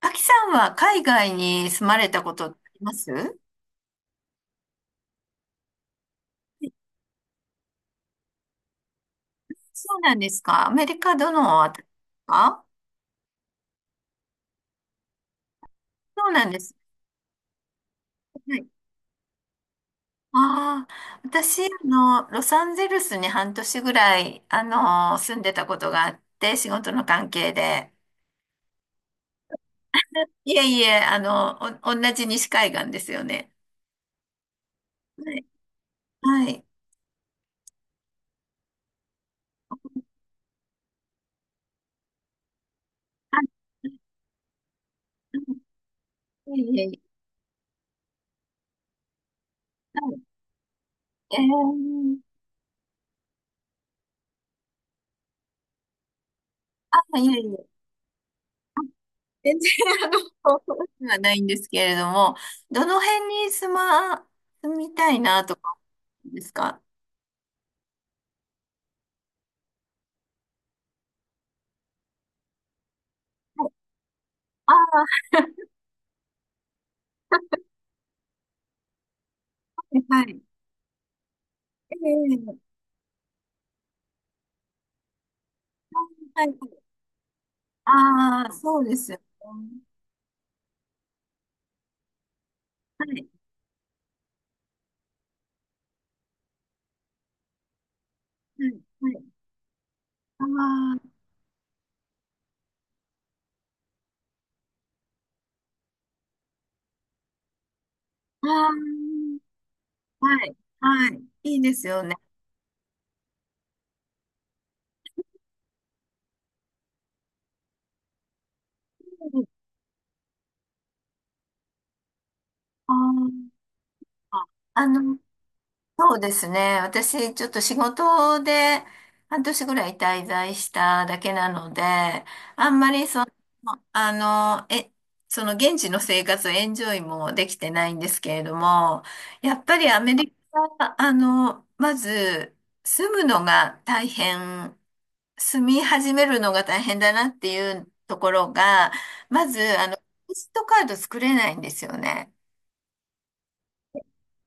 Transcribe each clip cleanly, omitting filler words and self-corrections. アキさんは海外に住まれたことってありますいそうなんですか？アメリカどのあたりですか？そうなんです。はい。ああ、私、ロサンゼルスに半年ぐらい、住んでたことがあって、仕事の関係で。いえいえ、同じ西海岸ですよね。はい。はい。あ、いえいえ。はい。えー、あ、いえいえ。全然、覚えはないんですけれども、どの辺に住みたいなとか、ですか？はい。あー、はい。ええ。はい。ああ、そうですよね。はい。はい。はい。ああ、ああ、はい。はい。いいですよね。ああ、あの、そうですね。私、ちょっと仕事で半年ぐらい滞在しただけなので、あんまりその、あの、え、その現地の生活をエンジョイもできてないんですけれども、やっぱりアメリカ、まず住むのが大変住み始めるのが大変だなっていうところが、まず、クレジットカード作れないんですよね。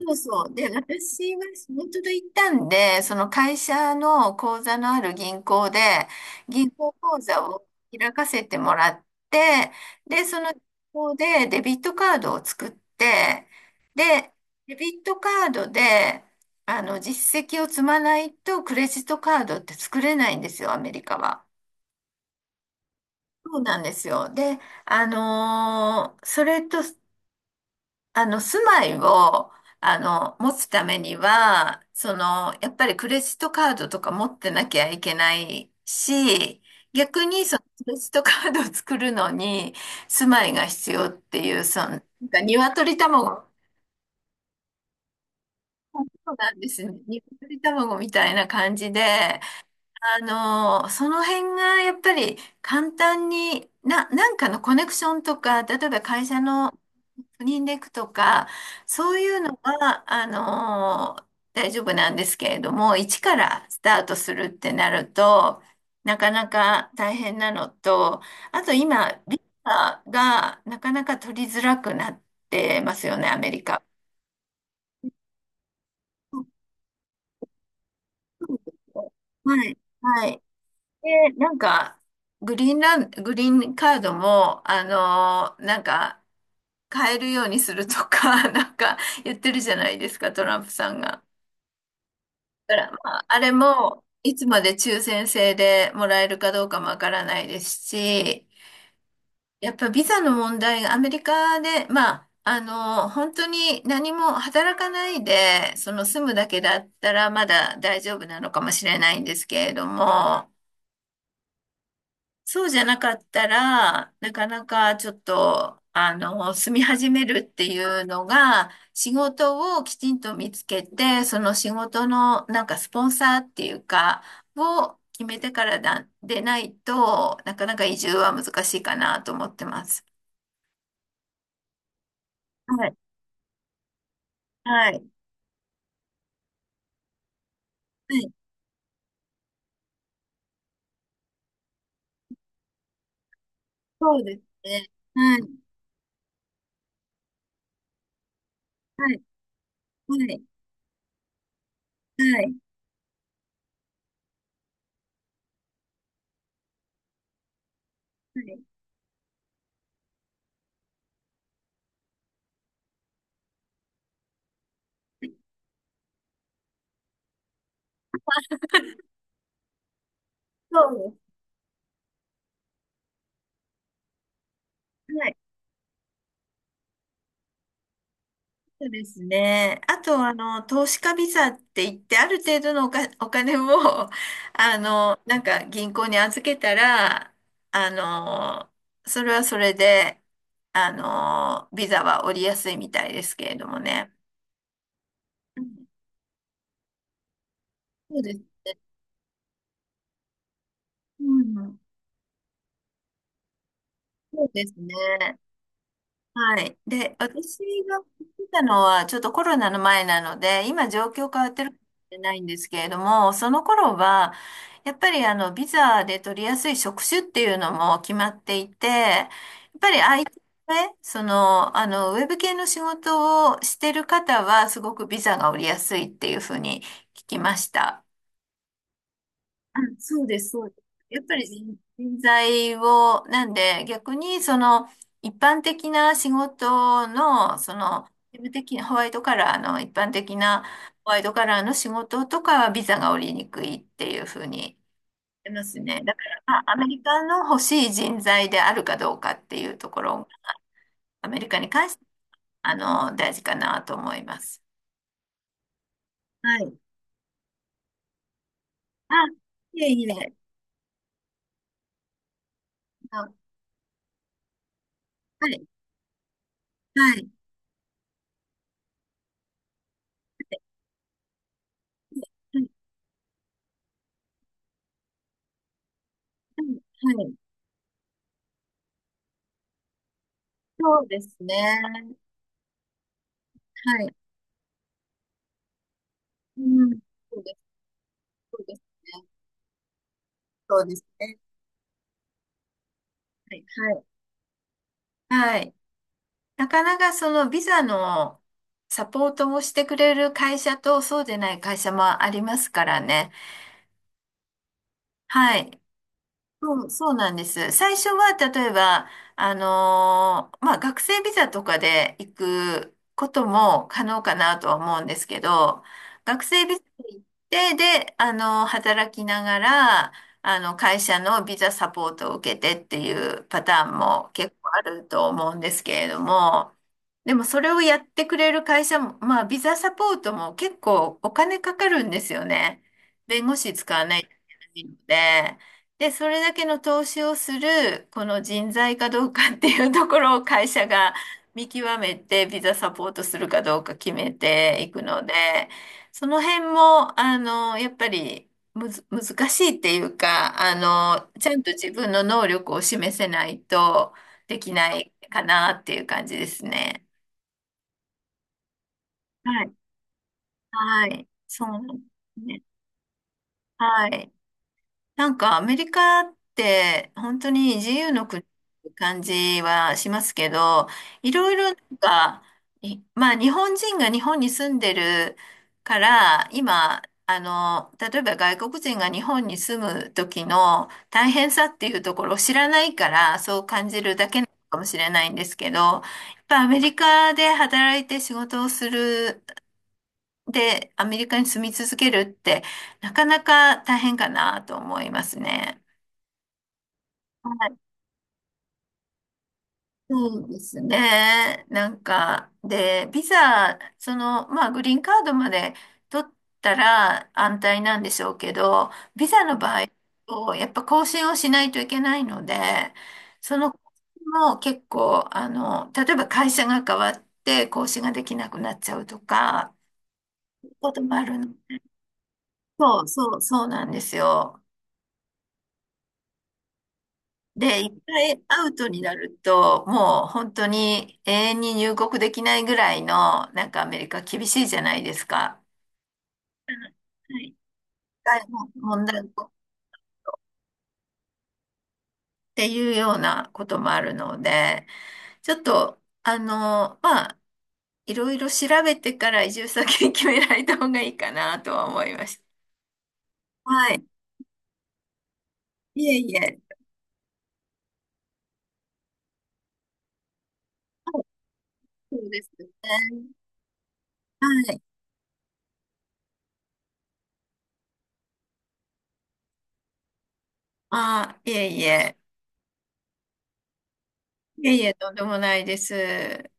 そうそう。で、私は仕事で行ったんで、その会社の口座のある銀行で、銀行口座を開かせてもらって、で、その銀行でデビットカードを作って、で、デビットカードで、実績を積まないとクレジットカードって作れないんですよ、アメリカは。そうなんですよ。で、それと住まいを、持つためには、その、やっぱりクレジットカードとか持ってなきゃいけないし、逆にそのクレジットカードを作るのに、住まいが必要っていう、その、なんか鶏卵、そうなんですね。鶏卵みたいな感じで、あその辺がやっぱり簡単に、なんかのコネクションとか、例えば会社のスニンデクとか、そういうのは、大丈夫なんですけれども、一からスタートするってなると、なかなか大変なのと、あと今、ビザがなかなか取りづらくなってますよね、アメリカ。はい、はい。で、なんか、グリーンカードも、なんか、買えるようにするとか、なんか言ってるじゃないですか、トランプさんが。だから、まあ、あれも、いつまで抽選制でもらえるかどうかもわからないですし、やっぱビザの問題がアメリカで、まあ、本当に何も働かないで、その住むだけだったらまだ大丈夫なのかもしれないんですけれども、そうじゃなかったら、なかなかちょっと、住み始めるっていうのが、仕事をきちんと見つけて、その仕事のなんかスポンサーっていうか、を決めてからだ、でないと、なかなか移住は難しいかなと思ってます。はい。はい。はい。そうですね。はい。はい。はい。はい。はい。そうです。はい。そうですね。あと、投資家ビザって言って、ある程度のお金を、なんか銀行に預けたら、あの、それはそれで、ビザは降りやすいみたいですけれどもね。うん。そうです。うん。そうですね。はい。で、私が来たのは、ちょっとコロナの前なので、今状況変わってるかもしれないんですけれども、その頃は、やっぱりビザで取りやすい職種っていうのも決まっていて、やっぱり IT ね、その、ウェブ系の仕事をしてる方は、すごくビザが降りやすいっていうふうに聞きました。あ、そうです、そうです。やっぱり人材を、なんで逆にその一般的な仕事の、その、事務的なホワイトカラーの一般的なホワイトカラーの仕事とかはビザが下りにくいっていうふうに言いますね。だから、まあ、アメリカの欲しい人材であるかどうかっていうところ、アメリカに関して、あ大事かなと思います。はい。あ、いえいえ。あ、はい。はい。はい。はい。はい。そうですね。はい。うん。そうです。そうですね。そうですね。はい。はい。はい。なかなかそのビザのサポートをしてくれる会社とそうでない会社もありますからね。はい。そう、そうなんです。最初は、例えば、まあ、学生ビザとかで行くことも可能かなとは思うんですけど、学生ビザで行って、で、働きながら、会社のビザサポートを受けてっていうパターンも結構あると思うんですけれども、でもそれをやってくれる会社も、まあ、ビザサポートも結構お金かかるんですよね。弁護士使わないといけないので。で、それだけの投資をする、この人材かどうかっていうところを会社が 見極めて、ビザサポートするかどうか決めていくので、その辺も、やっぱりむず、難しいっていうか、ちゃんと自分の能力を示せないとできないかなっていう感じですね。はい。はい。そうなんですね。はい。なんかアメリカって本当に自由の国って感じはしますけど、いろいろなんか、まあ日本人が日本に住んでるから、今、例えば外国人が日本に住む時の大変さっていうところを知らないから、そう感じるだけなのかもしれないんですけど、やっぱアメリカで働いて仕事をする、で、アメリカに住み続けるって、なかなか大変かなと思いますね。はい、そうですね。なんか、で、ビザ、その、まあ、グリーンカードまで取ったら安泰なんでしょうけど、ビザの場合と、やっぱ更新をしないといけないので、その更新も結構、例えば会社が変わって更新ができなくなっちゃうとか、こともあるの。そうそう、そうなんですよ。で、一回アウトになると、もう本当に永遠に入国できないぐらいの、なんかアメリカ厳しいじゃないですか。はい。はい。問題っていうようなこともあるので、ちょっと、まあ、いろいろ調べてから移住先 決められた方がいいかなとは思いました。はい。いえいえ。はい。そうですね。はい。あ、いえいえ。いえいえ、とんでもないです。